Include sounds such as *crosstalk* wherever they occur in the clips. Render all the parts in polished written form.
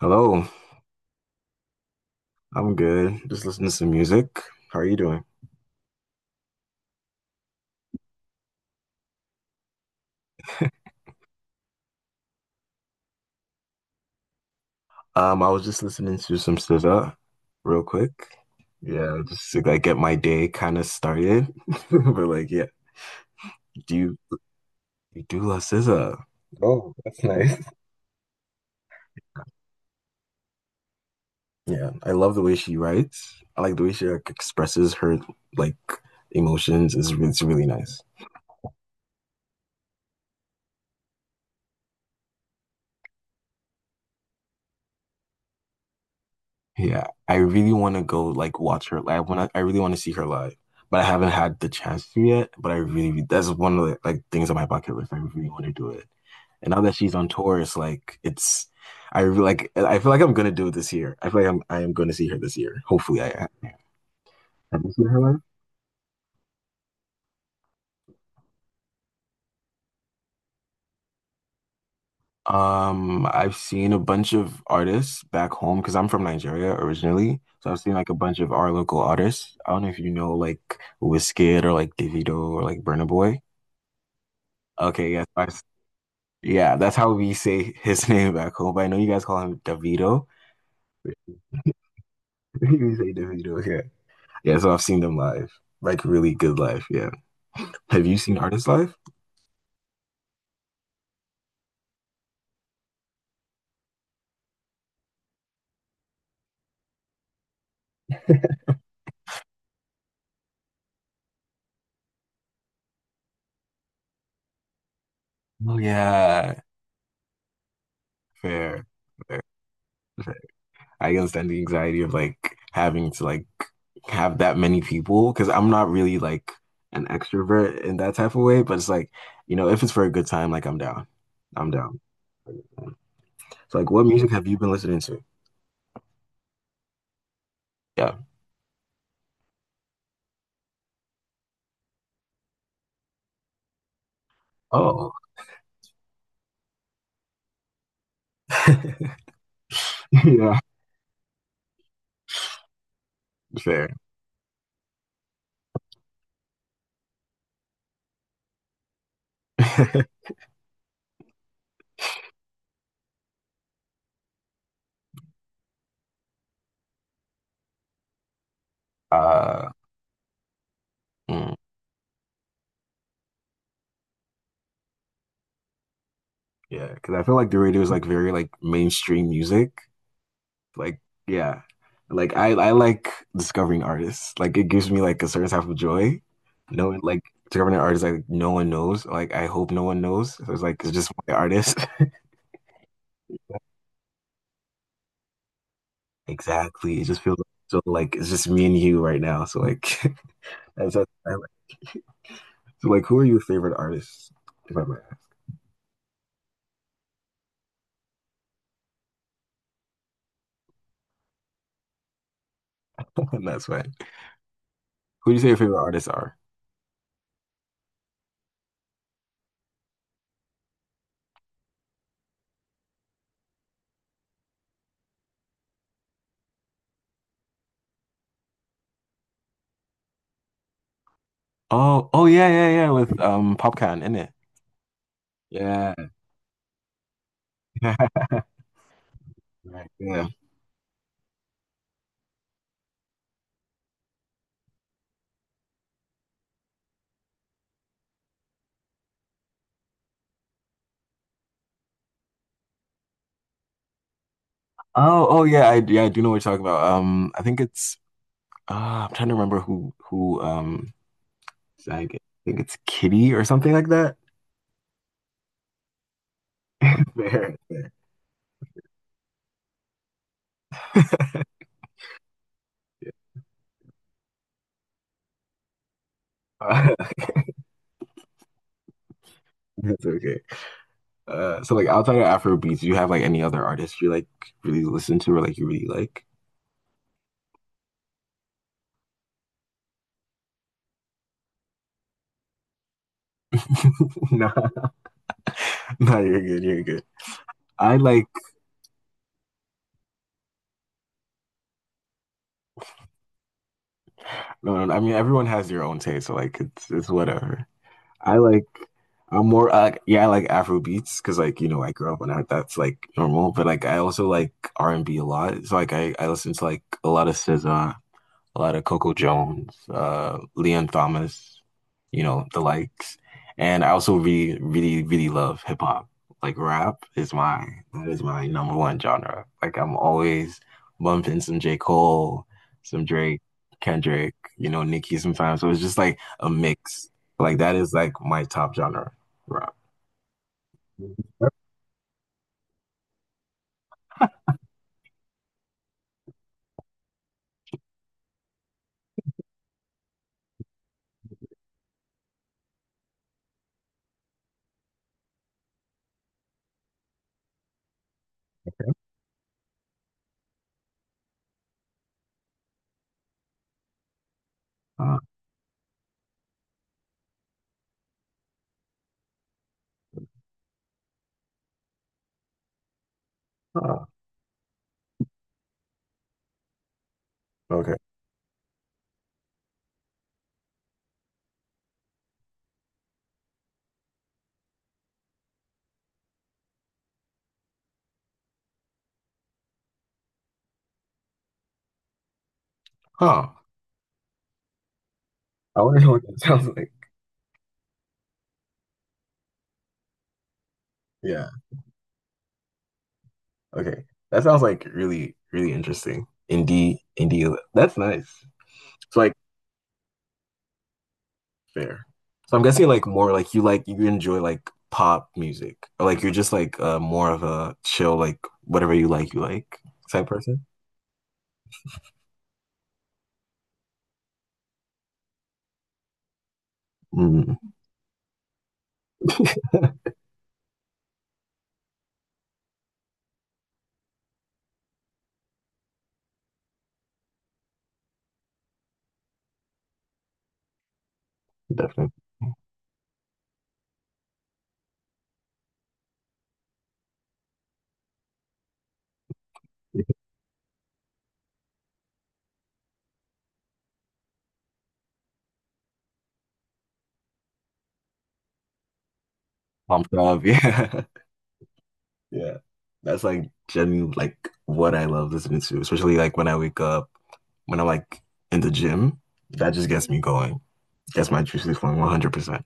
Hello, I'm good. Just listening to some music. How are you doing? I was just listening to some SZA real quick. Yeah, just to like get my day kind of started. *laughs* But like, yeah, do you you do love SZA? Oh, that's nice. *laughs* Yeah, I love the way she writes. I like the way she like expresses her like emotions. It's really nice. Yeah, I really want to go like watch her live. I really want to see her live, but I haven't had the chance to yet. But I really that's one of the like things on my bucket list. I really want to do it. And now that she's on tour, it's like it's I really like I feel like I'm gonna do it this year. I feel like I am gonna see her this year. Hopefully, I have you seen her live? I've seen a bunch of artists back home because I'm from Nigeria originally. So I've seen like a bunch of our local artists. I don't know if you know like Wizkid or like Davido or like Burna Boy. Okay, yes. Yeah, that's how we say his *laughs* name back home. But I know you guys call him Davido. *laughs* We say Davido here. Yeah, so I've seen them live. Like really good live, yeah. Have you seen artists live? Oh yeah. Fair. Fair. Fair. I understand the anxiety of like having to like have that many people because I'm not really like an extrovert in that type of way, but it's like, you know, if it's for a good time, like I'm down. I'm down. So like what music have you been listening to? Yeah. Oh. *laughs* Yeah, fair. *laughs* Uh, mm, yeah, because I feel like the radio is like very like mainstream music. Like, yeah, like I like discovering artists. Like, it gives me like a certain type of joy. No, like discovering an artist like no one knows. Like, I hope no one knows. So it's like it's just my artist. *laughs* Exactly. It just feels so like it's just me and you right now. So like, *laughs* that's that's- I like. So like, who are your favorite artists? If I might, *laughs* that's fine. Who do you say your favorite artists are? Oh, oh yeah, yeah, yeah. With Popcan in it. Yeah. *laughs* Right, yeah. Oh, oh yeah, I do know what you're talking about. I think it's I'm trying to remember who sang it. I think it's Kitty or something like that. *laughs* Fair. Uh, *laughs* that's okay. So like outside of Afrobeats, do you have like any other artists you like really listen to or like you really like? *laughs* No, no, you're good, you're good. I like no, no, no, I mean everyone has their own taste, so like it's whatever. I like I'm more like yeah, I like Afro beats because like you know I grew up on that. That's like normal, but like I also like R and B a lot. So like I listen to like a lot of SZA a lot of Coco Jones, Leon Thomas, you know, the likes. And I also really, really, really love hip hop. Like rap is my that is my number one genre. Like I'm always bumping some J. Cole, some Drake, Kendrick, you know, Nicki sometimes. So it's just like a mix. Like that is like my top genre, rap. Uh, huh. Okay. Huh. I wonder what that sounds like. Yeah. Okay. That sounds like really, really interesting. Indie, indie. That's nice. It's like fair. So I'm guessing like more like you enjoy like pop music or like you're just like more of a chill like whatever you like type person. Mm, *laughs* definitely. Pumped up. *laughs* Yeah. Yeah. That's like genuinely like what I love listening to, especially like when I wake up, when I'm like in the gym. That just gets me going. Gets my juices flowing 100%.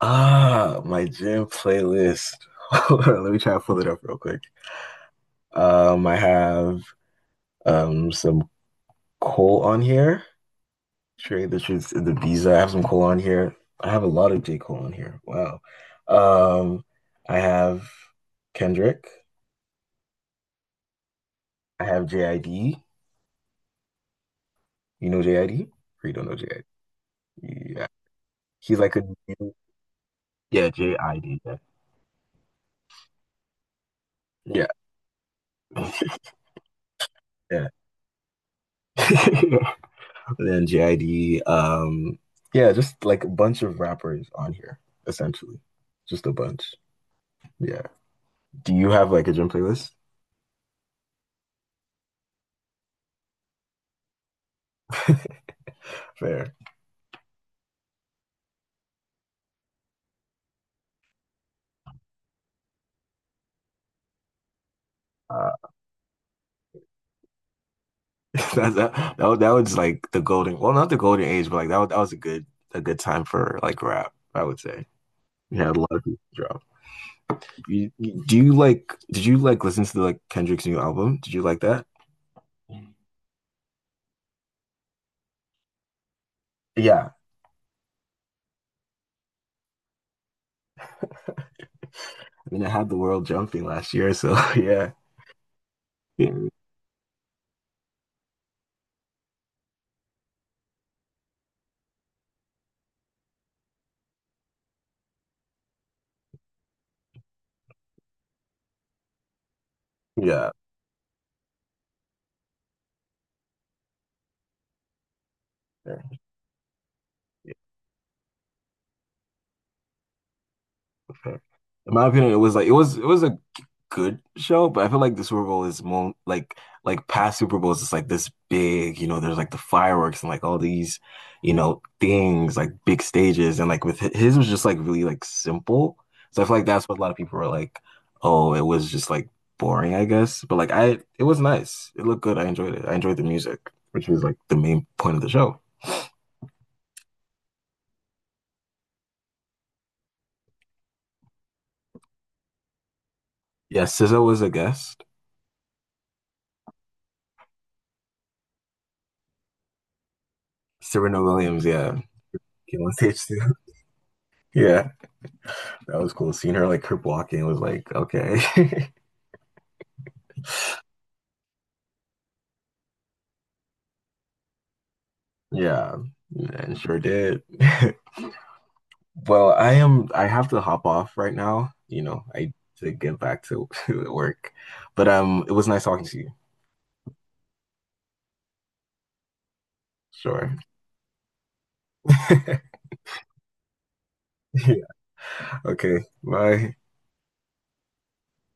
Ah, my gym playlist. *laughs* Hold on, let me try to pull it up real quick. I have some Cole on here. Trade the Truth to the Visa. I have some Cole on here. I have a lot of J. Cole on here. Wow. Um, I have Kendrick. I have JID. You know JID? Or you don't know JID? Yeah. He's like a new- Yeah, JID. Yeah. Yeah. *laughs* Yeah. *laughs* And then JID, yeah, just like a bunch of rappers on here, essentially. Just a bunch. Yeah. Do you have like a gym playlist? Fair. Uh, *laughs* that was like the golden, well, not the golden age, but like that was a good time for like rap, I would say. We had a lot of people drop. Do you like, did you like listen to like Kendrick's new album? Did you like that? Yeah. I mean, I had the world jumping last year, so *laughs* yeah. Yeah. Yeah. In my opinion, it was like it was a good show, but I feel like the Super Bowl is more like past Super Bowls. It's like this big, you know. There's like the fireworks and like all these, you know, things like big stages, and like with his was just like really like simple. So I feel like that's what a lot of people were like, oh, it was just like boring, I guess. But like I, it was nice. It looked good. I enjoyed it. I enjoyed the music, which was like the main point of the show. Yeah, SZA was a guest. Serena Williams, yeah, came on stage too. *laughs* Yeah. That was cool. Seeing her like crip walking was like, okay. *laughs* Yeah, and sure did. *laughs* Well, I am I have to hop off right now, you know, I to get back to, *laughs* to work. But it was nice talking to you. Sure. *laughs* Yeah. Okay. Bye.